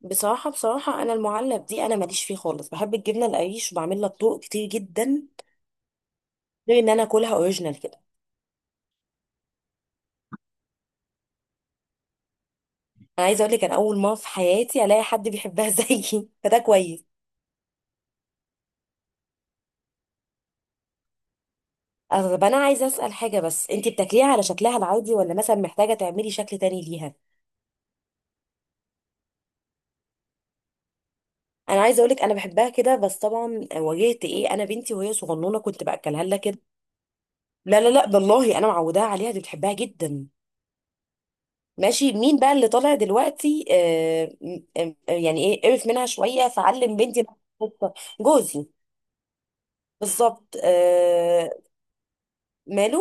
بصراحة أنا المعلب دي أنا ماليش فيه خالص، بحب الجبنة القريش وبعمل لها طرق كتير جدا، غير إن أنا أكلها أوريجينال كده. أنا عايزة أقول لك، أنا أول مرة في حياتي ألاقي حد بيحبها زيي، فده كويس. طب أنا عايزة أسأل حاجة، بس أنت بتاكليها على شكلها العادي ولا مثلا محتاجة تعملي شكل تاني ليها؟ أنا عايزة أقول لك، أنا بحبها كده، بس طبعا واجهت إيه، أنا بنتي وهي صغنونة كنت بأكلها لها كده. لا لا لا، بالله أنا معوداها عليها، دي بتحبها جدا. ماشي، مين بقى اللي طالع دلوقتي؟ آه يعني ايه، قرف منها شويه فعلم بنتي. الخطة. جوزي. بالظبط آه. ماله؟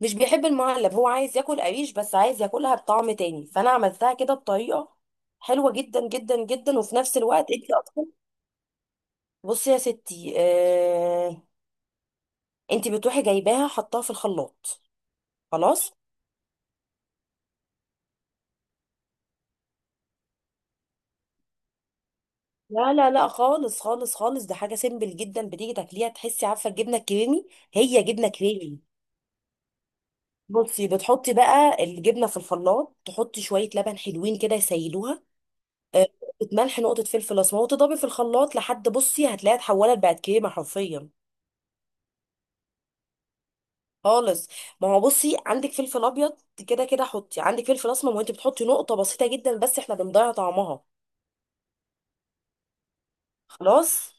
مش بيحب المعلب، هو عايز ياكل قريش بس عايز ياكلها بطعم تاني، فانا عملتها كده بطريقه حلوه جدا جدا جدا، وفي نفس الوقت انت اصلا. بصي يا ستي آه، انت بتروحي جايباها حطاها في الخلاط. خلاص. لا لا لا خالص خالص خالص، ده حاجه سيمبل جدا، بتيجي تاكليها تحسي، عارفه الجبنه الكريمي؟ هي جبنه كريمي. بصي، بتحطي بقى الجبنه في الخلاط، تحطي شويه لبن حلوين كده يسيلوها، آه، نقطه ملح، نقطه فلفل اسمر، وتضربي في الخلاط لحد بصي هتلاقيها اتحولت بقت كريمه حرفيا. خالص. ما هو بصي، عندك فلفل ابيض كده كده، حطي عندك فلفل اسمر، وانت بتحطي نقطه بسيطه جدا بس، احنا بنضيع طعمها. خلاص.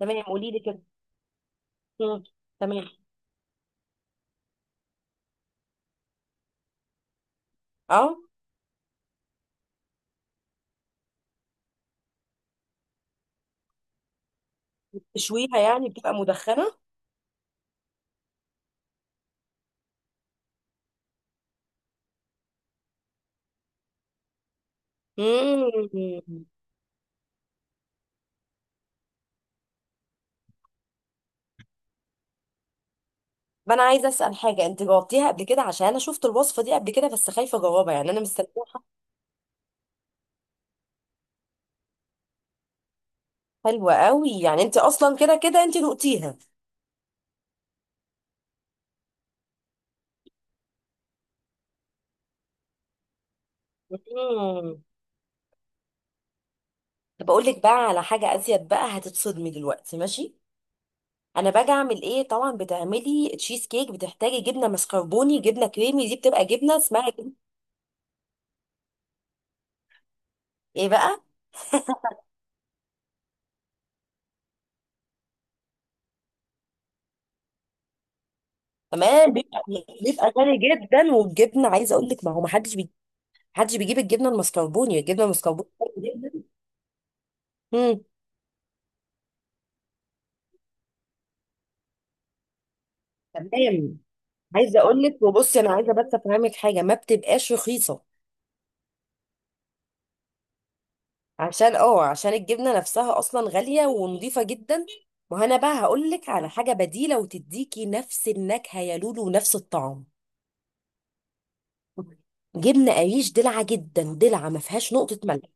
تمام قولي لي كده. مم. تمام. اه، تشويها يعني، بتبقى مدخنه. مم. ما انا عايزه اسال حاجه، انت جاوبتيها قبل كده، عشان انا شفت الوصفه دي قبل كده، بس خايفه اجاوبها، يعني انا مستنيه. حلوة قوي، يعني انت اصلا كده كده انت نقتيها. مم. طب اقول لك بقى على حاجة ازيد بقى، هتتصدمي دلوقتي، ماشي؟ انا باجي اعمل ايه؟ طبعا بتعملي تشيز كيك، بتحتاجي جبنة مسكربوني، جبنة كريمي، دي بتبقى جبنة اسمها جبنة. ايه بقى؟ تمام. بيبقى غالي جدا، والجبنة عايزة اقول لك، ما هو ما حدش محدش بيجيب الجبنة المسكربوني، الجبنة المسكربوني غالية جدا. مم. تمام. عايزة اقول لك، وبصي انا عايزة بس افهمك حاجة، ما بتبقاش رخيصة، عشان اه عشان الجبنة نفسها اصلا غالية ونضيفة جدا. ما انا بقى هقولك على حاجة بديلة وتديكي نفس النكهة يا لولو ونفس الطعم. جبنة قريش دلعة جدا، دلعة، ما فيهاش نقطة ملح.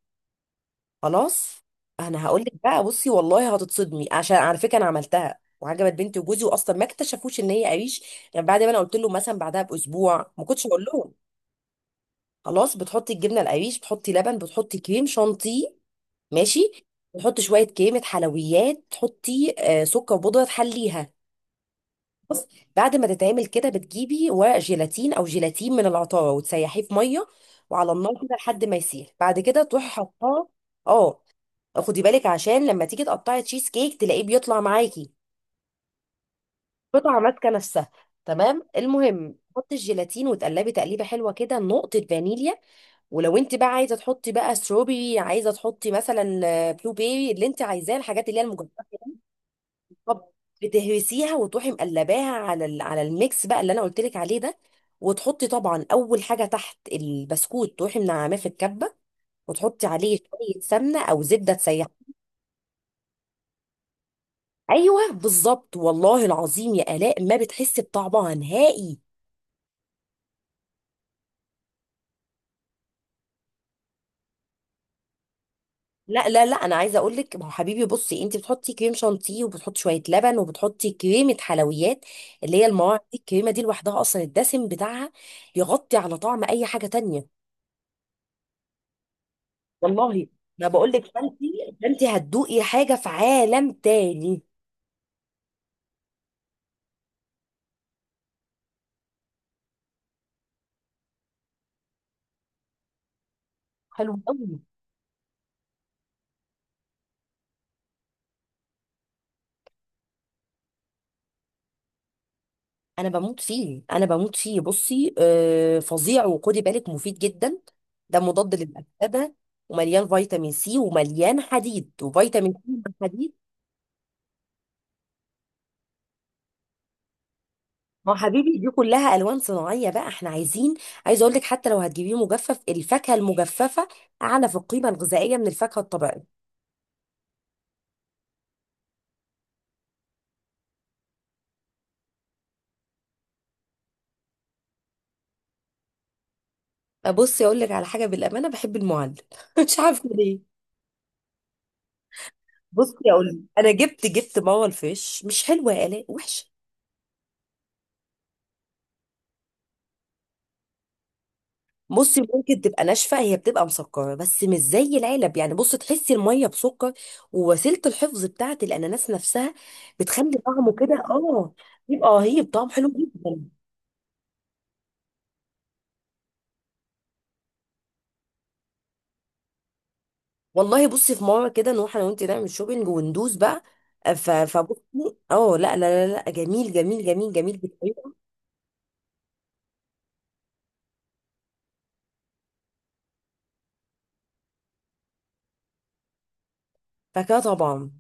خلاص. انا هقولك بقى، بصي والله هتتصدمي، عشان على فكرة انا عملتها وعجبت بنتي وجوزي، واصلا ما اكتشفوش ان هي قريش. يعني بعد ما انا قلت له مثلا، بعدها باسبوع، ما كنتش اقول لهم. خلاص. بتحطي الجبنه القريش، بتحطي لبن، بتحطي كريم شانتيه، ماشي؟ تحط شويه كريمه حلويات، تحطي سكر وبودره تحليها، بس. بعد ما تتعمل كده، بتجيبي ورق جيلاتين او جيلاتين من العطاره، وتسيحيه في ميه، وعلى النار كده لحد ما يسيح، بعد كده تروحي حطاه. اه. خدي بالك، عشان لما تيجي تقطعي تشيز كيك تلاقيه بيطلع معاكي قطعه ماسكه نفسها. تمام، المهم تحطي الجيلاتين، وتقلبي تقليبه حلوه كده، نقطه فانيليا، ولو انت بقى عايزه تحطي بقى ستروبري، عايزه تحطي مثلا بلو بيري، اللي انت عايزاه، الحاجات اللي هي المجففه. طب، بتهرسيها وتروحي مقلباها على على الميكس بقى اللي انا قلت لك عليه ده، وتحطي طبعا اول حاجه تحت البسكوت، تروحي منعماه في الكبه، وتحطي عليه شويه سمنه او زبده تسيح. ايوه بالظبط، والله العظيم يا الاء ما بتحسي بطعمها نهائي. لا لا لا، انا عايزه اقول لك، ما هو حبيبي بصي، انت بتحطي كريم شانتيه، وبتحطي شويه لبن، وبتحطي كريمه حلويات، اللي هي المواعيد دي، الكريمه دي لوحدها اصلا، الدسم بتاعها يغطي على طعم اي حاجه تانية. والله ما بقول لك، فانتي فانتي هتدوقي حاجه في عالم تاني. حلو قوي. انا بموت فيه، انا بموت فيه، بصي آه فظيع، وخدي بالك مفيد جدا، ده مضاد للاكسده، ومليان فيتامين سي ومليان حديد، وفيتامين سي مع حديد. ما هو حبيبي، دي كلها الوان صناعيه، بقى احنا عايزين. عايزه اقول لك، حتى لو هتجيبيه مجفف، الفاكهه المجففه اعلى في القيمه الغذائيه من الفاكهه الطبيعيه. بصي اقول لك على حاجه، بالامانه بحب المعلب مش عارفه ليه. بصي اقول لك، انا جبت ماما الفيش مش حلوه يا الاء، وحشه. بصي ممكن تبقى ناشفه، هي بتبقى مسكره بس مش زي العلب، يعني بصي تحسي الميه بسكر، ووسيله الحفظ بتاعه الاناناس نفسها بتخلي طعمه كده، اه، يبقى رهيب، طعم حلو جدا. والله بصي، في مره كده نروح انا وانت نعمل شوبينج وندوس بقى، فبصي. اه لا لا لا لا، جميل جميل جميل جميل بطريقه. فكده طبعا.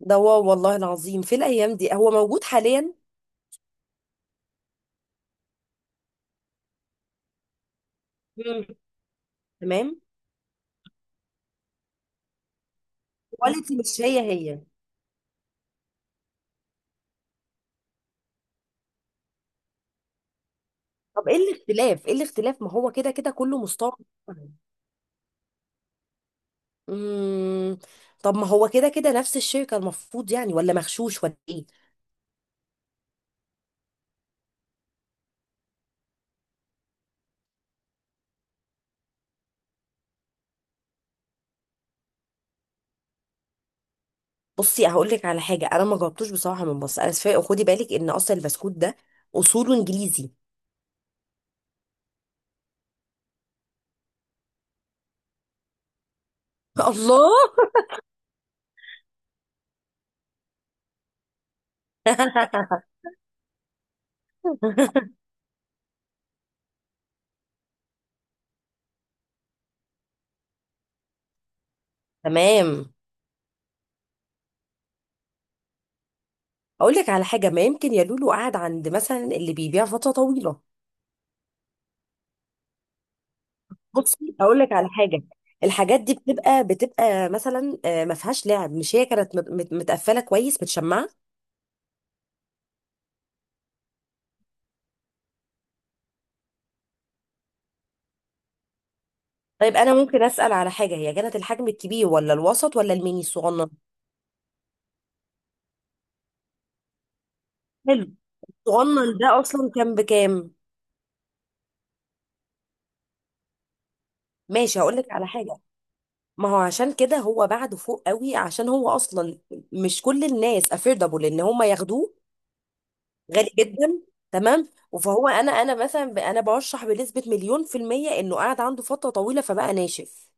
ده هو والله العظيم، في الايام دي هو موجود حاليا. مم. تمام. كواليتي مش هي هي. طب ايه الاختلاف؟ ايه الاختلاف؟ ما هو كده كده كله مستورد. امم. طب ما هو كده كده نفس الشركه المفروض، يعني ولا مغشوش ولا ايه؟ بصي هقول لك على حاجه، انا ما جربتوش بصراحه، من بص، انا اسفه، خدي بالك ان اصلا البسكوت ده اصوله انجليزي. الله. تمام. اقول لك على حاجه، ما يمكن يا لولو قعد عند مثلا اللي بيبيع فتره طويله. بصي اقول لك على حاجه، الحاجات دي بتبقى مثلا ما فيهاش لعب، مش هي كانت متقفله كويس، متشمعه. طيب انا ممكن اسال على حاجه، هي كانت الحجم الكبير ولا الوسط ولا الميني الصغنن؟ حلو. الصغنن ده اصلا كان بكام؟ ماشي هقول لك على حاجه. ما هو عشان كده هو بعده فوق قوي، عشان هو اصلا مش كل الناس افوردابل ان هم ياخدوه. غالي جدا. تمام. فهو انا مثلا، انا برشح بنسبه مليون في الميه انه قاعد عنده فتره طويله فبقى ناشف.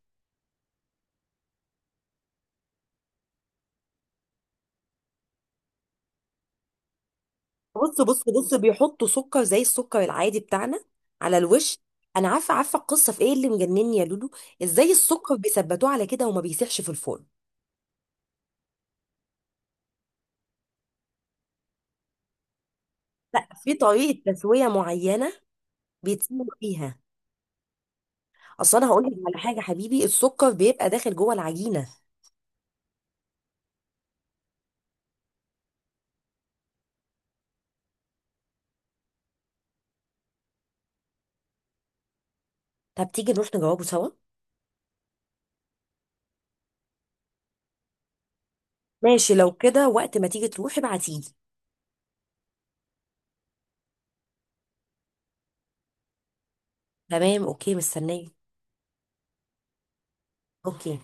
بص بص بص، بيحطوا سكر زي السكر العادي بتاعنا على الوش. انا عارفه، عارفه القصه في ايه اللي مجنني يا لولو، ازاي السكر بيثبتوه على كده وما بيسيحش في الفرن. لا في طريقه تسويه معينه بيتسوى بيها. اصل انا هقول لك على حاجه حبيبي، السكر بيبقى داخل جوه العجينه. طب تيجي نروح نجاوبه سوا. ماشي، لو كده وقت ما تيجي تروحي ابعتيلي. تمام اوكي، مستنيه. اوكي.